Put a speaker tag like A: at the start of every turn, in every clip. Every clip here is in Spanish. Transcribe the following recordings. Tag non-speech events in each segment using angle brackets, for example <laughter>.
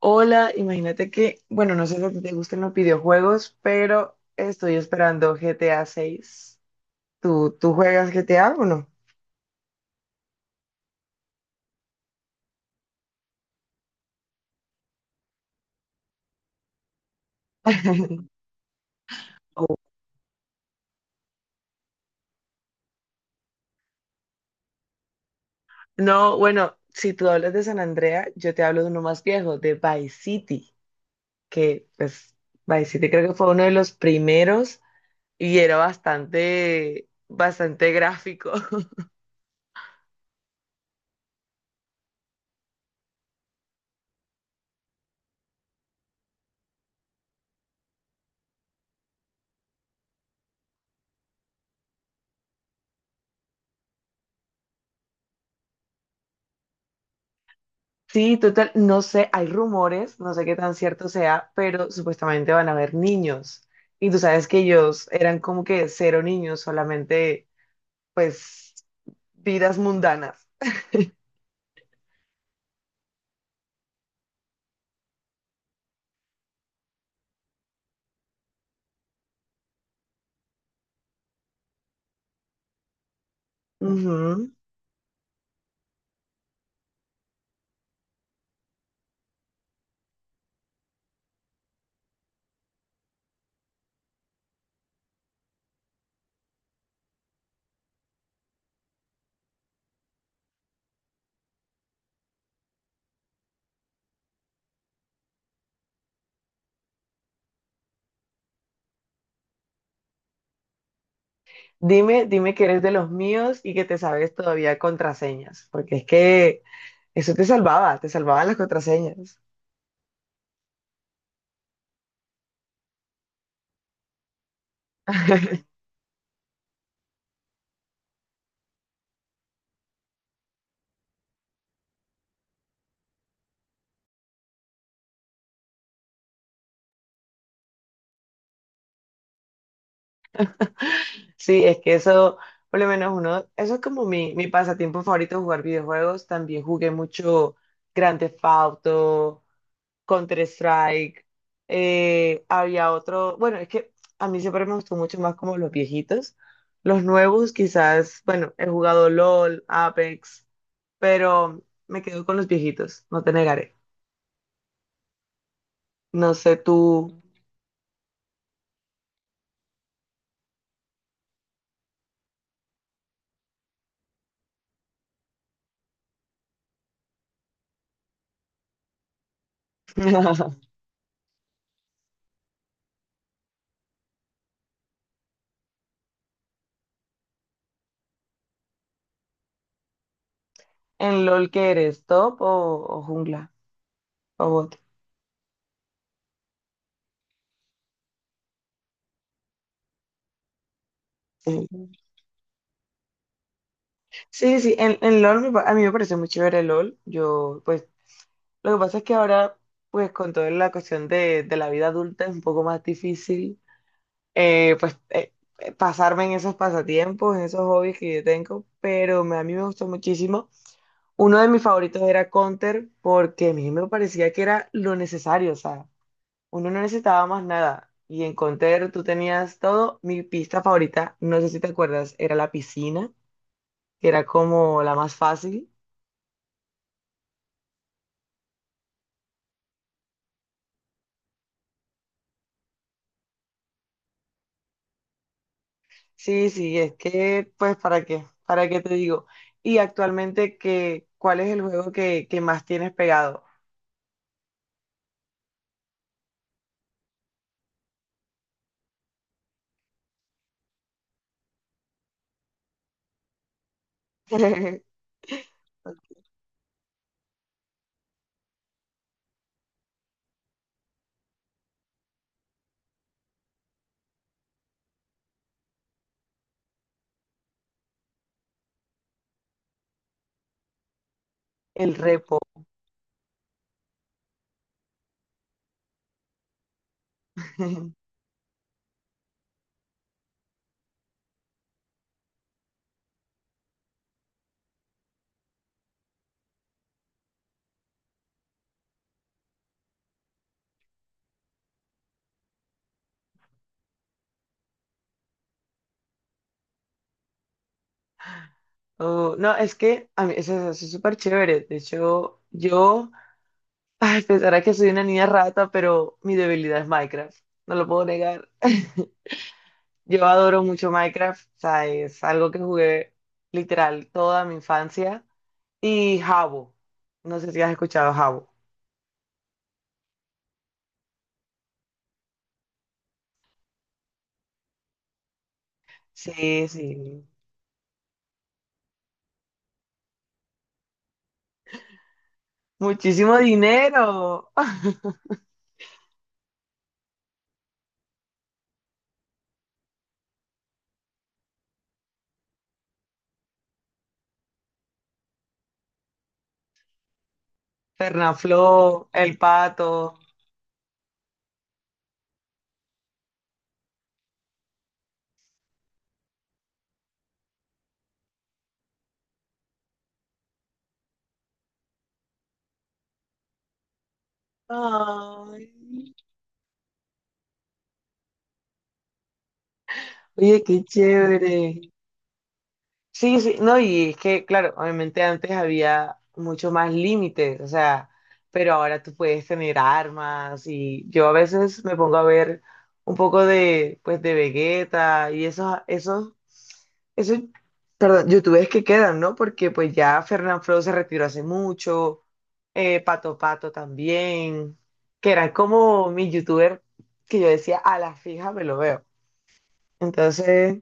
A: Hola, imagínate que, bueno, no sé si a ti te gustan los videojuegos, pero estoy esperando GTA 6. ¿Tú juegas GTA o no? <laughs> Oh. No, bueno, si tú hablas de San Andrea, yo te hablo de uno más viejo, de Vice City, que pues Vice City creo que fue uno de los primeros y era bastante, bastante gráfico. <laughs> Sí, total, no sé, hay rumores, no sé qué tan cierto sea, pero supuestamente van a haber niños. Y tú sabes que ellos eran como que cero niños, solamente pues vidas mundanas. Ujú. Dime, dime que eres de los míos y que te sabes todavía contraseñas, porque es que eso te salvaba, te salvaban las contraseñas. <laughs> Sí, es que eso, por lo menos uno, eso es como mi pasatiempo favorito, jugar videojuegos. También jugué mucho Grand Theft Auto, Counter-Strike, había otro, bueno, es que a mí siempre me gustó mucho más como los viejitos. Los nuevos quizás, bueno, he jugado LOL, Apex, pero me quedo con los viejitos, no te negaré. No sé tú. <laughs> En LOL que eres, top o jungla o bot. Sí, sí, sí, en LOL me pa- a mí me parece muy chévere LOL. Yo, pues, lo que pasa es que ahora, pues, con toda la cuestión de la vida adulta es un poco más difícil eh, pues eh, pasarme en esos pasatiempos, en esos hobbies que yo tengo, pero me- a mí me gustó muchísimo. Uno de mis favoritos era Counter porque a mí me parecía que era lo necesario, o sea, uno no necesitaba más nada. Y en Counter tú tenías todo. Mi pista favorita, no sé si te acuerdas, era la piscina, que era como la más fácil. Sí, sí, es que, pues, ¿para qué? ¿Para qué te digo? Y actualmente, ¿qué, cuál es el juego que más tienes pegado? <laughs> El repo. <laughs> Oh, no, es que a mí eso, eso es súper chévere. De hecho, yo, <laughs> ay, pensará que soy una niña rata, pero mi debilidad es Minecraft. No lo puedo negar. <laughs> Yo adoro mucho Minecraft. O sea, es algo que jugué literal toda mi infancia. Y Jabo. No sé si has escuchado Jabo. Sí, sí. Muchísimo dinero. <laughs> Fernafloo, El Pato. Ay. Oye, qué chévere. Sí, sí, no, y es que, claro, obviamente antes había mucho más límites, o sea, pero ahora tú puedes tener armas y yo a veces me pongo a ver un poco de, pues, de Vegeta y esos, perdón, youtubers que quedan, ¿no? Porque pues ya Fernanfloo se retiró hace mucho, Pato Pato también, que eran como mis youtubers que yo decía, a la fija me lo veo. Entonces...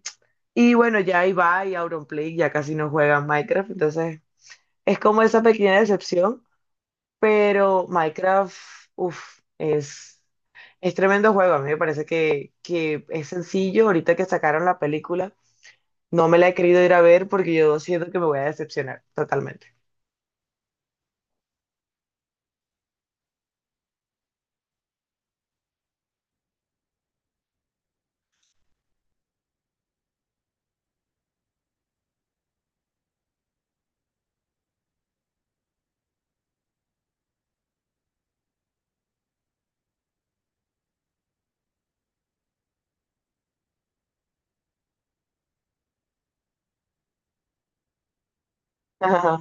A: Y bueno, ya Ibai y Auronplay ya casi no juegan Minecraft, entonces es como esa pequeña decepción, pero Minecraft, uff, es tremendo juego. A mí me parece que es sencillo. Ahorita que sacaron la película, no me la he querido ir a ver porque yo siento que me voy a decepcionar totalmente. Ajá.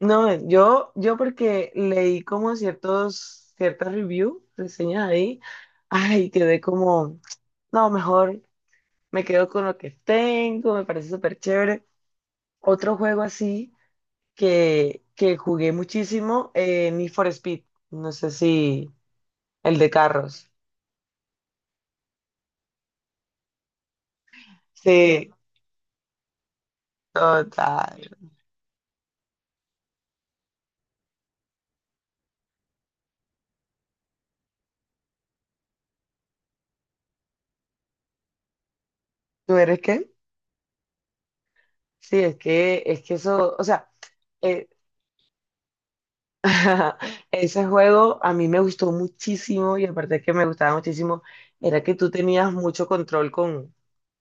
A: No, yo porque leí como ciertos, ciertas reviews, reseñas ahí, ay, quedé como, no, mejor me quedo con lo que tengo, me parece súper chévere. Otro juego así que jugué muchísimo, Need for Speed. No sé si el de carros. Sí, total. ¿Tú eres qué? Sí, es que eso, o sea, eh, <laughs> ese juego a mí me gustó muchísimo y aparte que me gustaba muchísimo, era que tú tenías mucho control con,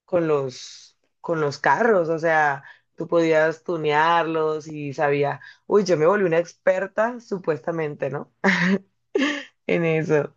A: con los carros, o sea, tú podías tunearlos y sabías, uy, yo me volví una experta, supuestamente, ¿no? En eso.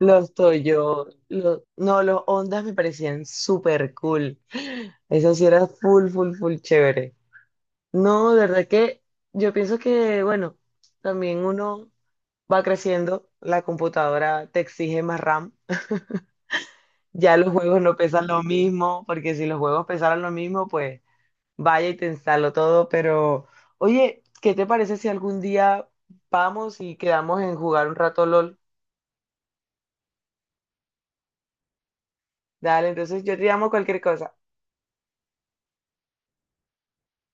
A: Los Toyo, los, no, los Ondas me parecían súper cool. Eso sí era full, full, full chévere. No, de verdad que yo pienso que, bueno, también uno va creciendo, la computadora te exige más RAM. Ya los juegos no pesan lo mismo, porque si los juegos pesaran lo mismo, pues vaya y te instalo todo. Pero, oye, ¿qué te parece si algún día vamos y quedamos en jugar un rato LOL? Dale, entonces yo te llamo cualquier cosa.